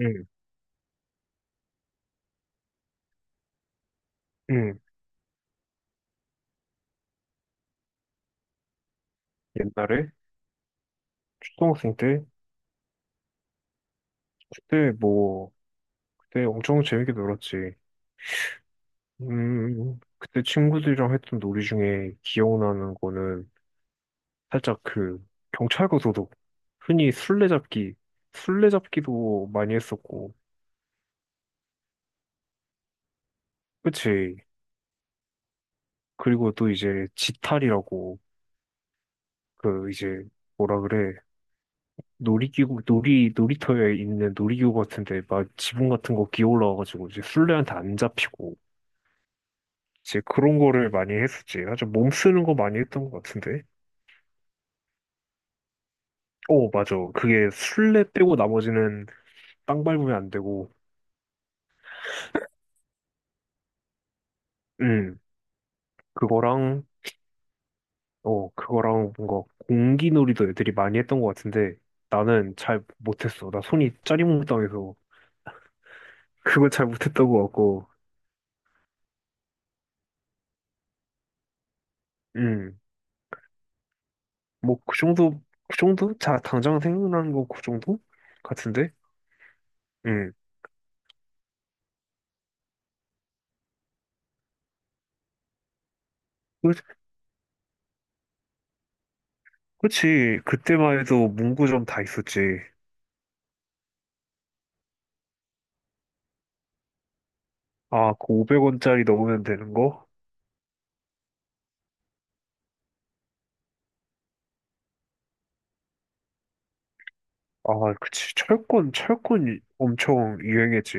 응, 응. 옛날에 초등학생 때, 그때, 뭐, 그때 엄청 재밌게 놀았지. 그때 친구들이랑 했던 놀이 중에 기억나는 거는 살짝 그 경찰과 도둑, 흔히 술래잡기. 술래잡기도 많이 했었고, 그치? 그리고 또 이제 지탈이라고, 그 이제 뭐라 그래? 놀이터에 있는 놀이기구 같은데 막 지붕 같은 거 기어 올라와가지고 이제 술래한테 안 잡히고 이제 그런 거를 많이 했었지. 아주 몸 쓰는 거 많이 했던 것 같은데. 어, 맞아. 그게 술래 빼고 나머지는 땅 밟으면 안 되고. 음, 그거랑, 그거랑 뭔가 공기놀이도 애들이 많이 했던 것 같은데, 나는 잘 못했어. 나 손이 짜리몽땅해서 그걸 잘 못했던 것 같고. 음, 뭐 그 정도, 그 정도? 자, 당장 생각나는 거 그 정도? 같은데? 음. 그, 그치. 그때만 해도 문구점 다 있었지. 아, 그 500원짜리 넣으면 되는 거? 아, 그치. 철권, 철권 엄청 유행했지.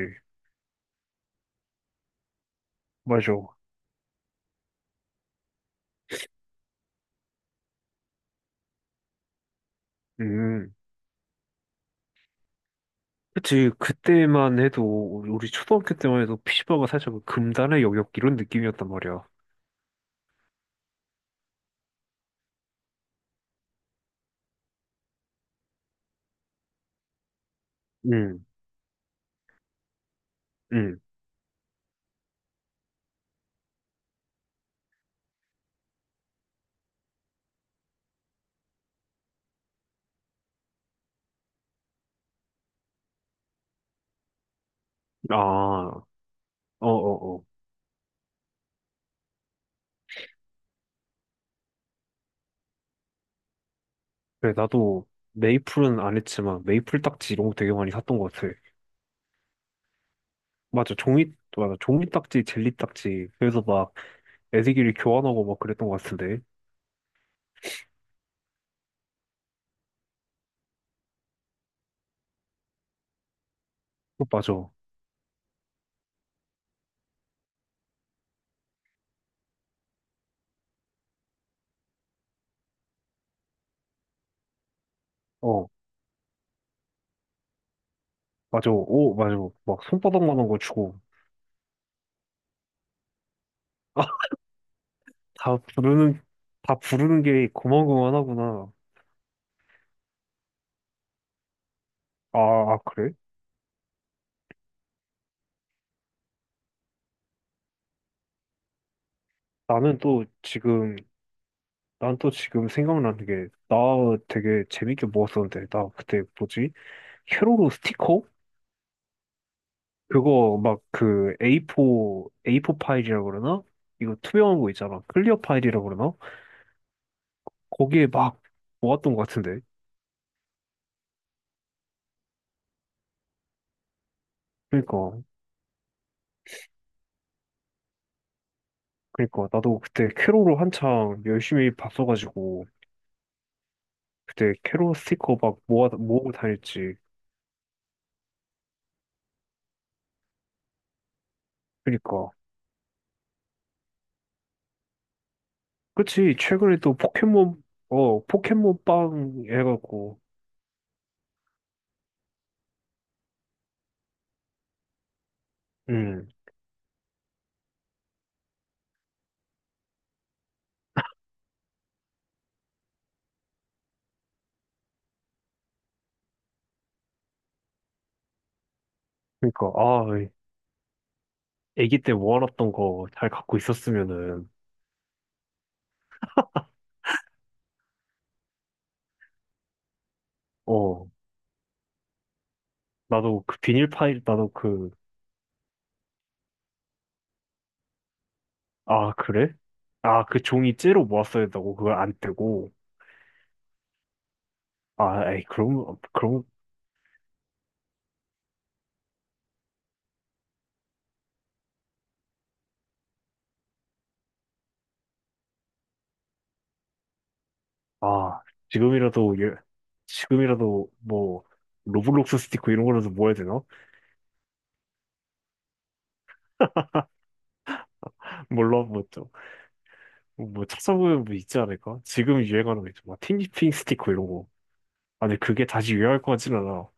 맞아. 음. 그치. 그때만 해도, 우리 초등학교 때만 해도 피시방가 살짝 그 금단의 영역 이런 느낌이었단 말이야. 음, 음. 아, 어어어. 그래, 나도 메이플은 안 했지만, 메이플 딱지 이런 거 되게 많이 샀던 것 같아. 맞아. 종이, 맞아. 종이 딱지, 젤리 딱지. 그래서 막 애들끼리 교환하고 막 그랬던 것 같은데. 어, 맞아. 어, 맞아. 오, 맞아. 막 손바닥만한 거 주고. 다 부르는, 다 부르는 게 고만고만하구나. 아, 아, 그래? 나는 또 지금, 난 또 지금 생각나는 게, 나 되게 재밌게 모았었는데, 나 그때 뭐지? 회로로 스티커? 그거 막 그 A4, a 포 파일이라고 그러나? 이거 투명한 거 있잖아. 클리어 파일이라고 그러나? 거기에 막 모았던 것 같은데. 그러니까, 그러니까 나도 그때 캐롤을 한창 열심히 봤어가지고, 그때 캐롤 스티커 막 모으고 다녔지. 그러니까. 그치, 최근에 또 포켓몬, 어, 포켓몬빵 해갖고. 음, 그러니까, 아, 애기 때 모아놨던 거 잘 갖고 있었으면은, 어, 나도 그 비닐 파일, 나도 그, 아, 그래? 아, 그 종이 째로 모았어야 된다고 그걸 안 떼고. 아, 에이, 그럼. 아, 지금이라도, 예, 지금이라도, 뭐, 로블록스 스티커 이런 거라도 모아야 되나? 몰라, 뭐, 좀, 뭐, 찾아보면 뭐 있지 않을까? 지금 유행하는 거 있죠. 막, 티니핑 스티커 이런 거. 아니, 그게 다시 유행할 것 같진 않아.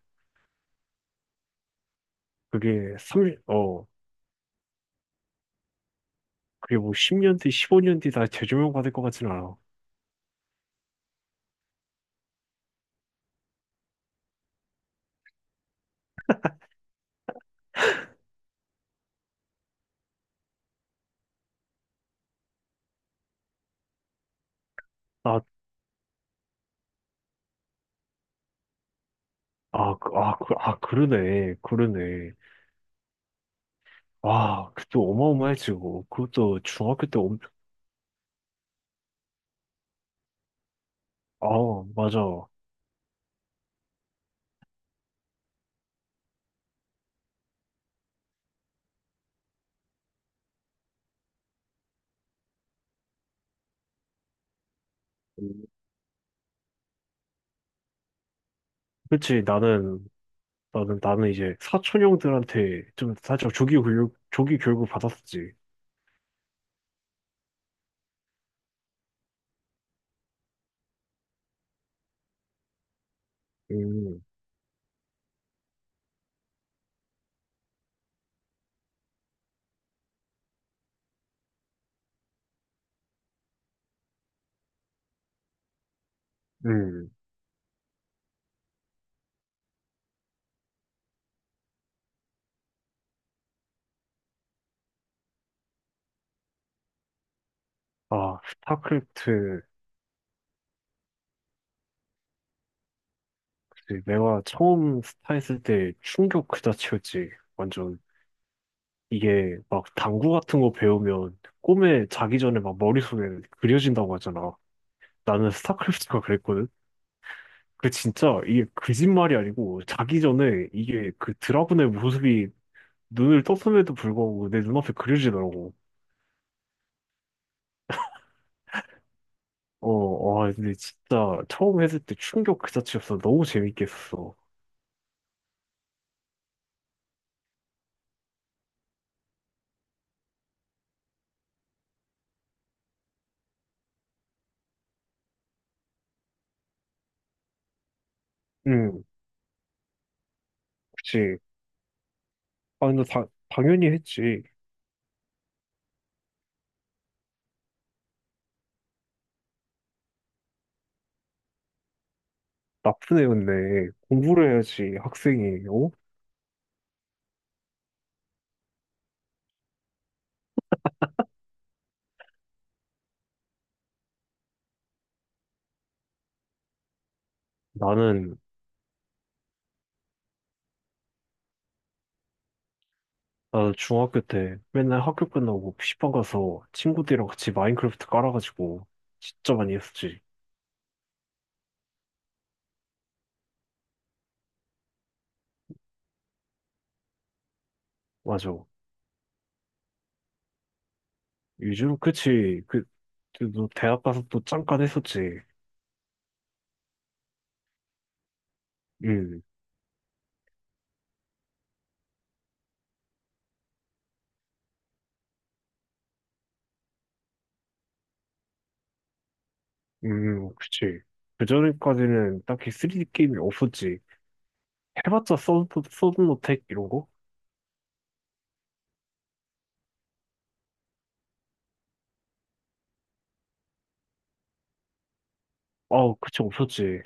그게 3, 어, 그게 뭐 10년 뒤, 15년 뒤 다시 재조명 받을 것 같진 않아. 아, 아, 그러네. 아, 그것도 어마어마해지고. 그것도 중학교 때. 아, 맞아. 그치, 나는 이제 사촌 형들한테 좀 살짝 조기 교육을 받았었지. 음, 음. 아, 스타크래프트, 그 내가 처음 스타 했을 때 충격 그 자체였지. 완전. 이게 막 당구 같은 거 배우면 꿈에 자기 전에 막 머릿속에 그려진다고 하잖아. 나는 스타크래프트가 그랬거든. 그 진짜 이게 거짓말이 아니고 자기 전에 이게 그 드라군의 모습이 눈을 떴음에도 불구하고 내 눈앞에 그려지더라고. 어, 와, 근데 진짜 처음 했을 때 충격 그 자체였어. 너무 재밌게 했었어. 응, 그치. 아, 근데 당연히 했지. 나쁜 애였네. 공부를 해야지, 학생이. 어? 나는 나는 중학교 때 맨날 학교 끝나고 피시방 가서 친구들이랑 같이 마인크래프트 깔아가지고 진짜 많이 했었지. 맞아. 요즘 그치. 너 대학 가서 또 잠깐 했었지. 음, 그치. 그전에까지는 딱히 3D 게임이 없었지. 해봤자 서든 어택 이런 거? 아, 그치, 없었지.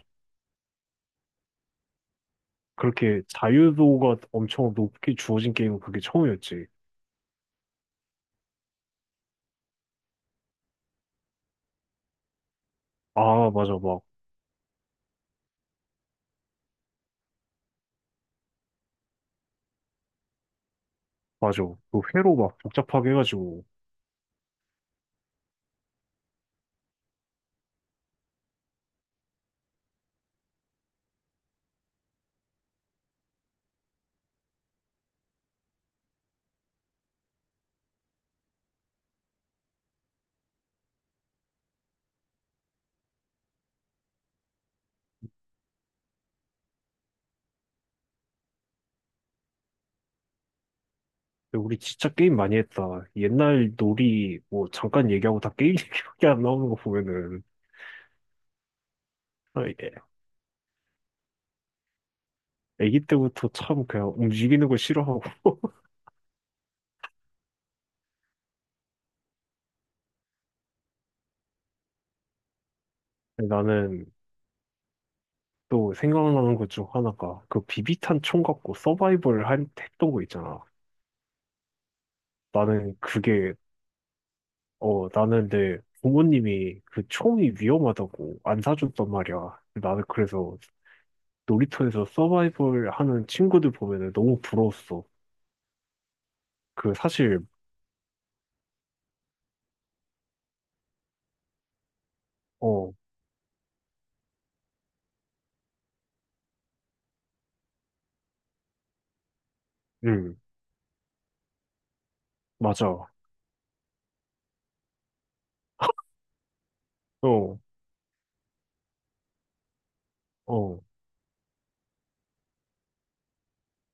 그렇게 자유도가 엄청 높게 주어진 게임은 그게 처음이었지. 아, 맞아, 막, 맞아. 그 회로 막 복잡하게 해가지고. 근데 우리 진짜 게임 많이 했다. 옛날 놀이 뭐 잠깐 얘기하고 다 게임 얘기밖에 안 나오는 거 보면은. 아, 예. 애기 때부터 참 그냥 움직이는 거 싫어하고. 근데 나는 또 생각나는 것 중 하나가 그 비비탄 총 갖고 서바이벌 했던 거 있잖아. 나는 그게. 어 나는 내 부모님이 그 총이 위험하다고 안 사줬단 말이야. 나는 그래서 놀이터에서 서바이벌 하는 친구들 보면은 너무 부러웠어. 그 사실. 어, 음. 맞아. 어, 어,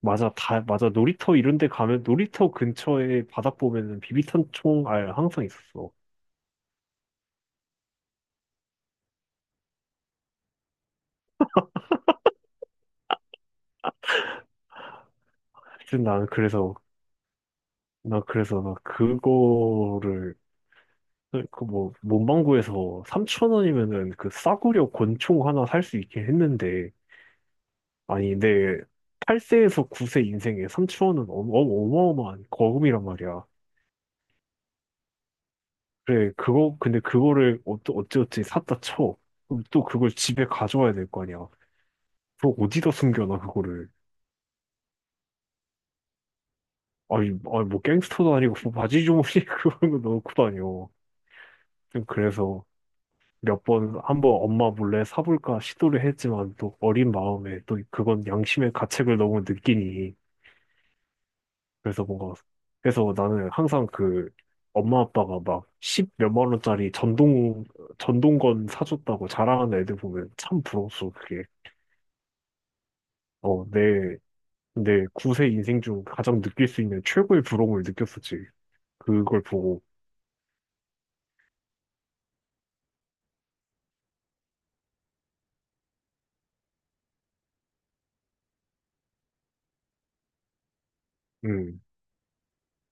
맞아, 맞아. 놀이터 이런 데 가면, 놀이터 근처에 바닥 보면은 비비탄 총알 항상 있었어. 사실 나는 그래서, 나 그래서 나 그거를, 그 뭐, 문방구에서 3천 원이면은 그 싸구려 권총 하나 살 수 있긴 했는데, 아니, 내 8세에서 9세 인생에 3천 원은 어마어마한 거금이란 말이야. 그래, 그거, 근데 그거를 어찌어찌 샀다 쳐. 그럼 또 그걸 집에 가져와야 될 거 아니야. 그거 어디다 숨겨놔, 그거를. 아니 뭐 갱스터도 아니고 뭐 바지 주머니 그런 거 넣고 다녀. 좀 그래서 한번 엄마 몰래 사볼까 시도를 했지만 또 어린 마음에 또 그건 양심의 가책을 너무 느끼니. 그래서 뭔가, 그래서 나는 항상 그 엄마 아빠가 막 십 몇만 원짜리 전동건 사줬다고 자랑하는 애들 보면 참 부러웠어, 그게. 어, 내 9세 인생 중 가장 느낄 수 있는 최고의 부러움을 느꼈었지. 그걸 보고. 음.